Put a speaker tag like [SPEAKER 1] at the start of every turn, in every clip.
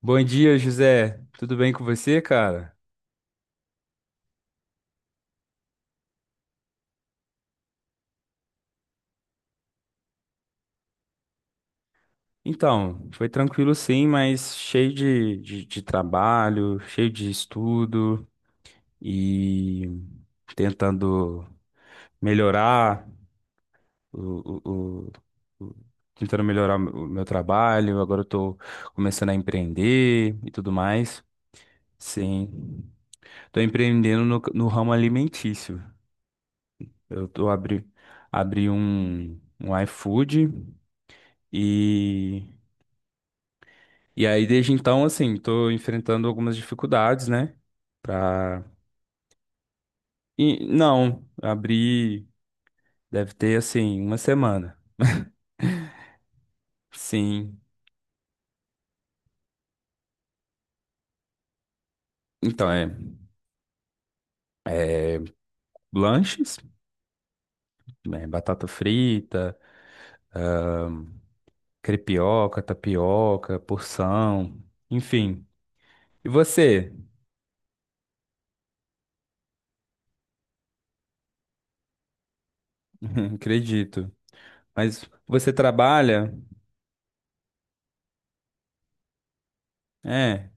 [SPEAKER 1] Bom dia, José. Tudo bem com você, cara? Então, foi tranquilo sim, mas cheio de trabalho, cheio de estudo e tentando melhorar o, o, o- o- tentando melhorar o meu trabalho. Agora eu tô começando a empreender e tudo mais. Sim. Tô empreendendo no ramo alimentício. Eu tô abri, Abri um iFood. E E aí, desde então, assim, tô enfrentando algumas dificuldades, né? Pra. E, não, abri, deve ter, assim, uma semana. Sim. Então, é lanches, né, batata frita, crepioca, tapioca, porção, enfim. E você? Acredito. Mas você trabalha? É,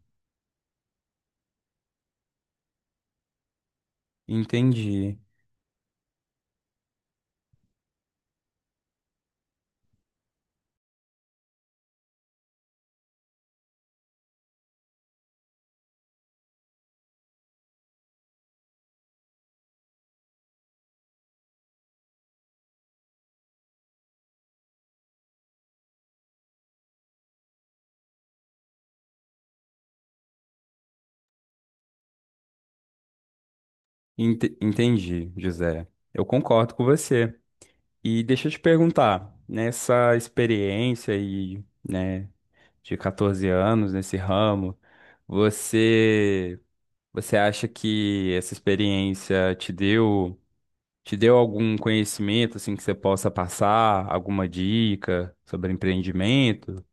[SPEAKER 1] entendi. Entendi, José. Eu concordo com você. E deixa eu te perguntar, nessa experiência e, né, de 14 anos nesse ramo, você você acha que essa experiência te deu algum conhecimento assim que você possa passar, alguma dica sobre empreendimento?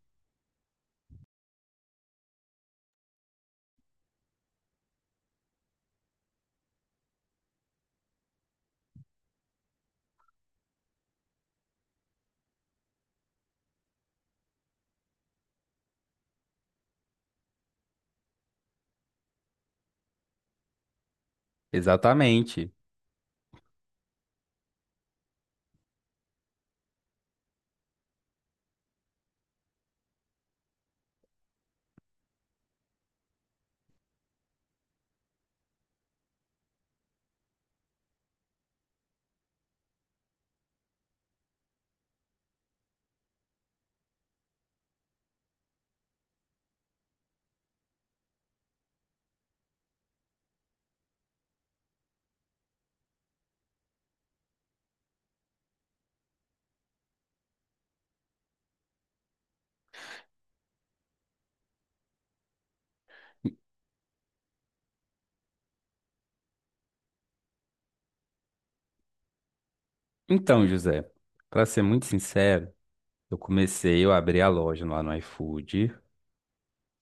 [SPEAKER 1] Exatamente. Então, José, para ser muito sincero, eu comecei, eu abri a loja lá no iFood,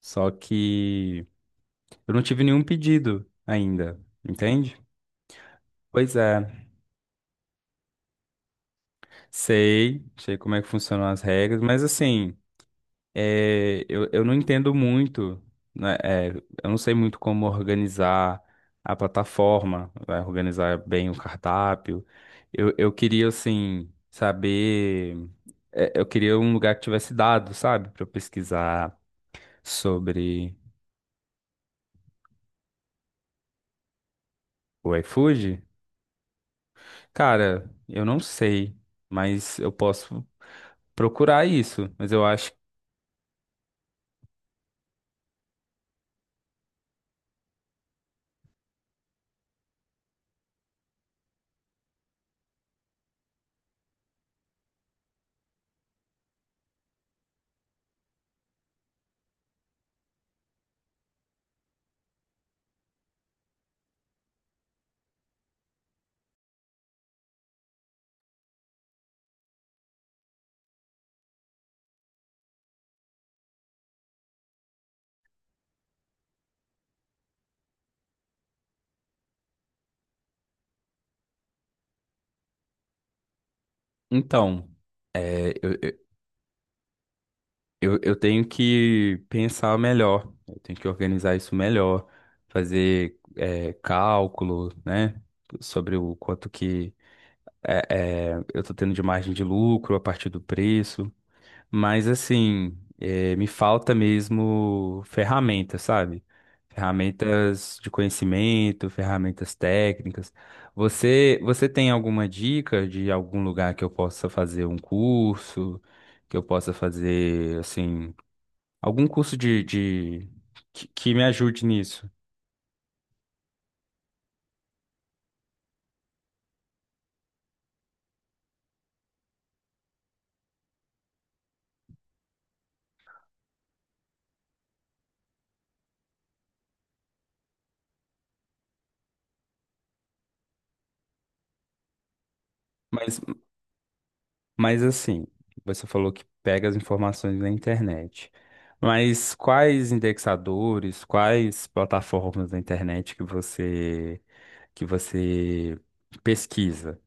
[SPEAKER 1] só que eu não tive nenhum pedido ainda, entende? Pois é. Sei, sei como é que funcionam as regras, mas assim, é, eu não entendo muito, né, é, eu não sei muito como organizar a plataforma, vai organizar bem o cardápio. Eu queria, assim, saber. É, eu queria um lugar que tivesse dados, sabe, para eu pesquisar sobre o iFood. Cara, eu não sei, mas eu posso procurar isso, mas eu acho. Então. Eu tenho que pensar melhor, eu tenho que organizar isso melhor, fazer cálculo, né, sobre o quanto que eu estou tendo de margem de lucro a partir do preço, mas assim, me falta mesmo ferramentas, sabe? Ferramentas de conhecimento, ferramentas técnicas. Você tem alguma dica de algum lugar que eu possa fazer um curso, que eu possa fazer, assim algum curso de que me ajude nisso. Mas, mas assim, você falou que pega as informações na internet. Mas quais indexadores, quais plataformas da internet que você pesquisa?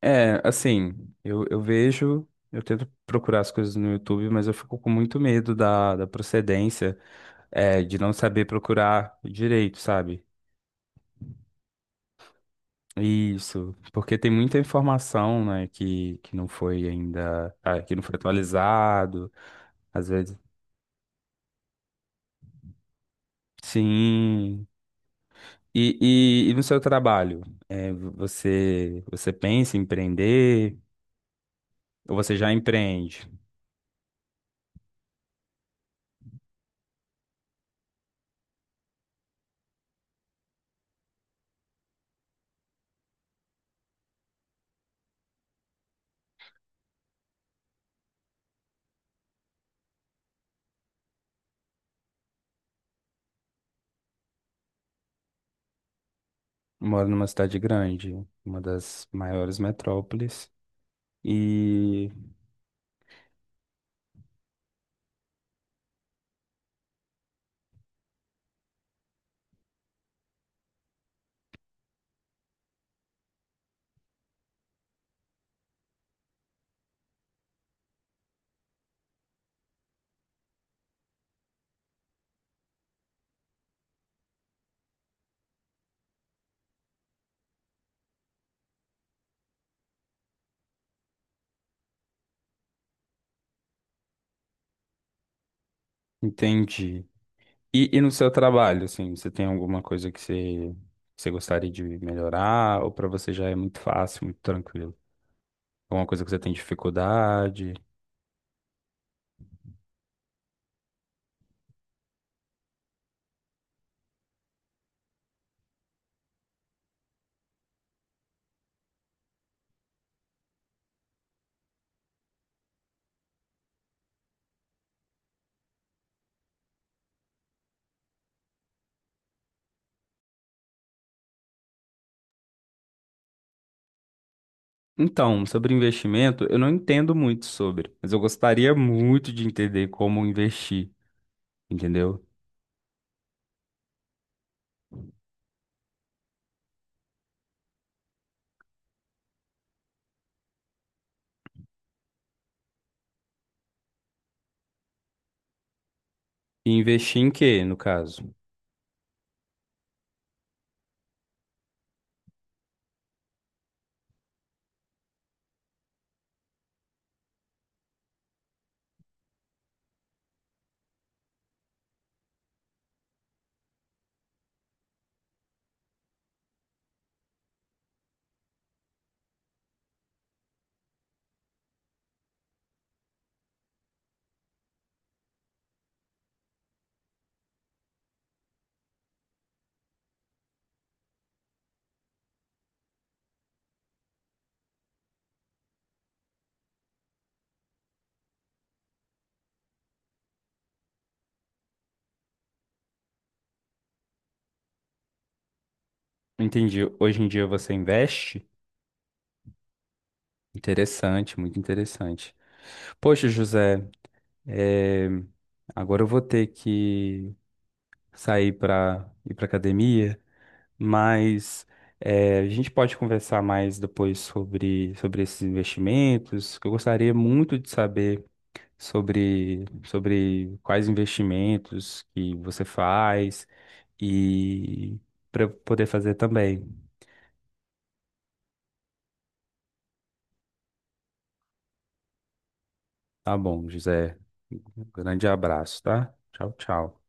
[SPEAKER 1] É, assim, eu vejo, eu tento procurar as coisas no YouTube, mas eu fico com muito medo da procedência, é, de não saber procurar direito, sabe? Isso, porque tem muita informação, né, que não foi ainda, ah, que não foi atualizado, às vezes. Sim. E no seu trabalho, é, você pensa em empreender ou você já empreende? Moro numa cidade grande, uma das maiores metrópoles, e entendi. E no seu trabalho, assim, você tem alguma coisa que você gostaria de melhorar ou para você já é muito fácil, muito tranquilo? Alguma coisa que você tem dificuldade? Então, sobre investimento, eu não entendo muito sobre, mas eu gostaria muito de entender como investir, entendeu? E investir em quê, no caso? Entendi. Hoje em dia você investe? Interessante, muito interessante. Poxa, José, é, agora eu vou ter que sair para ir para academia, mas é, a gente pode conversar mais depois sobre esses investimentos, que eu gostaria muito de saber. Sobre, sobre quais investimentos que você faz e para poder fazer também. Tá bom, José. Um grande abraço, tá? Tchau, tchau.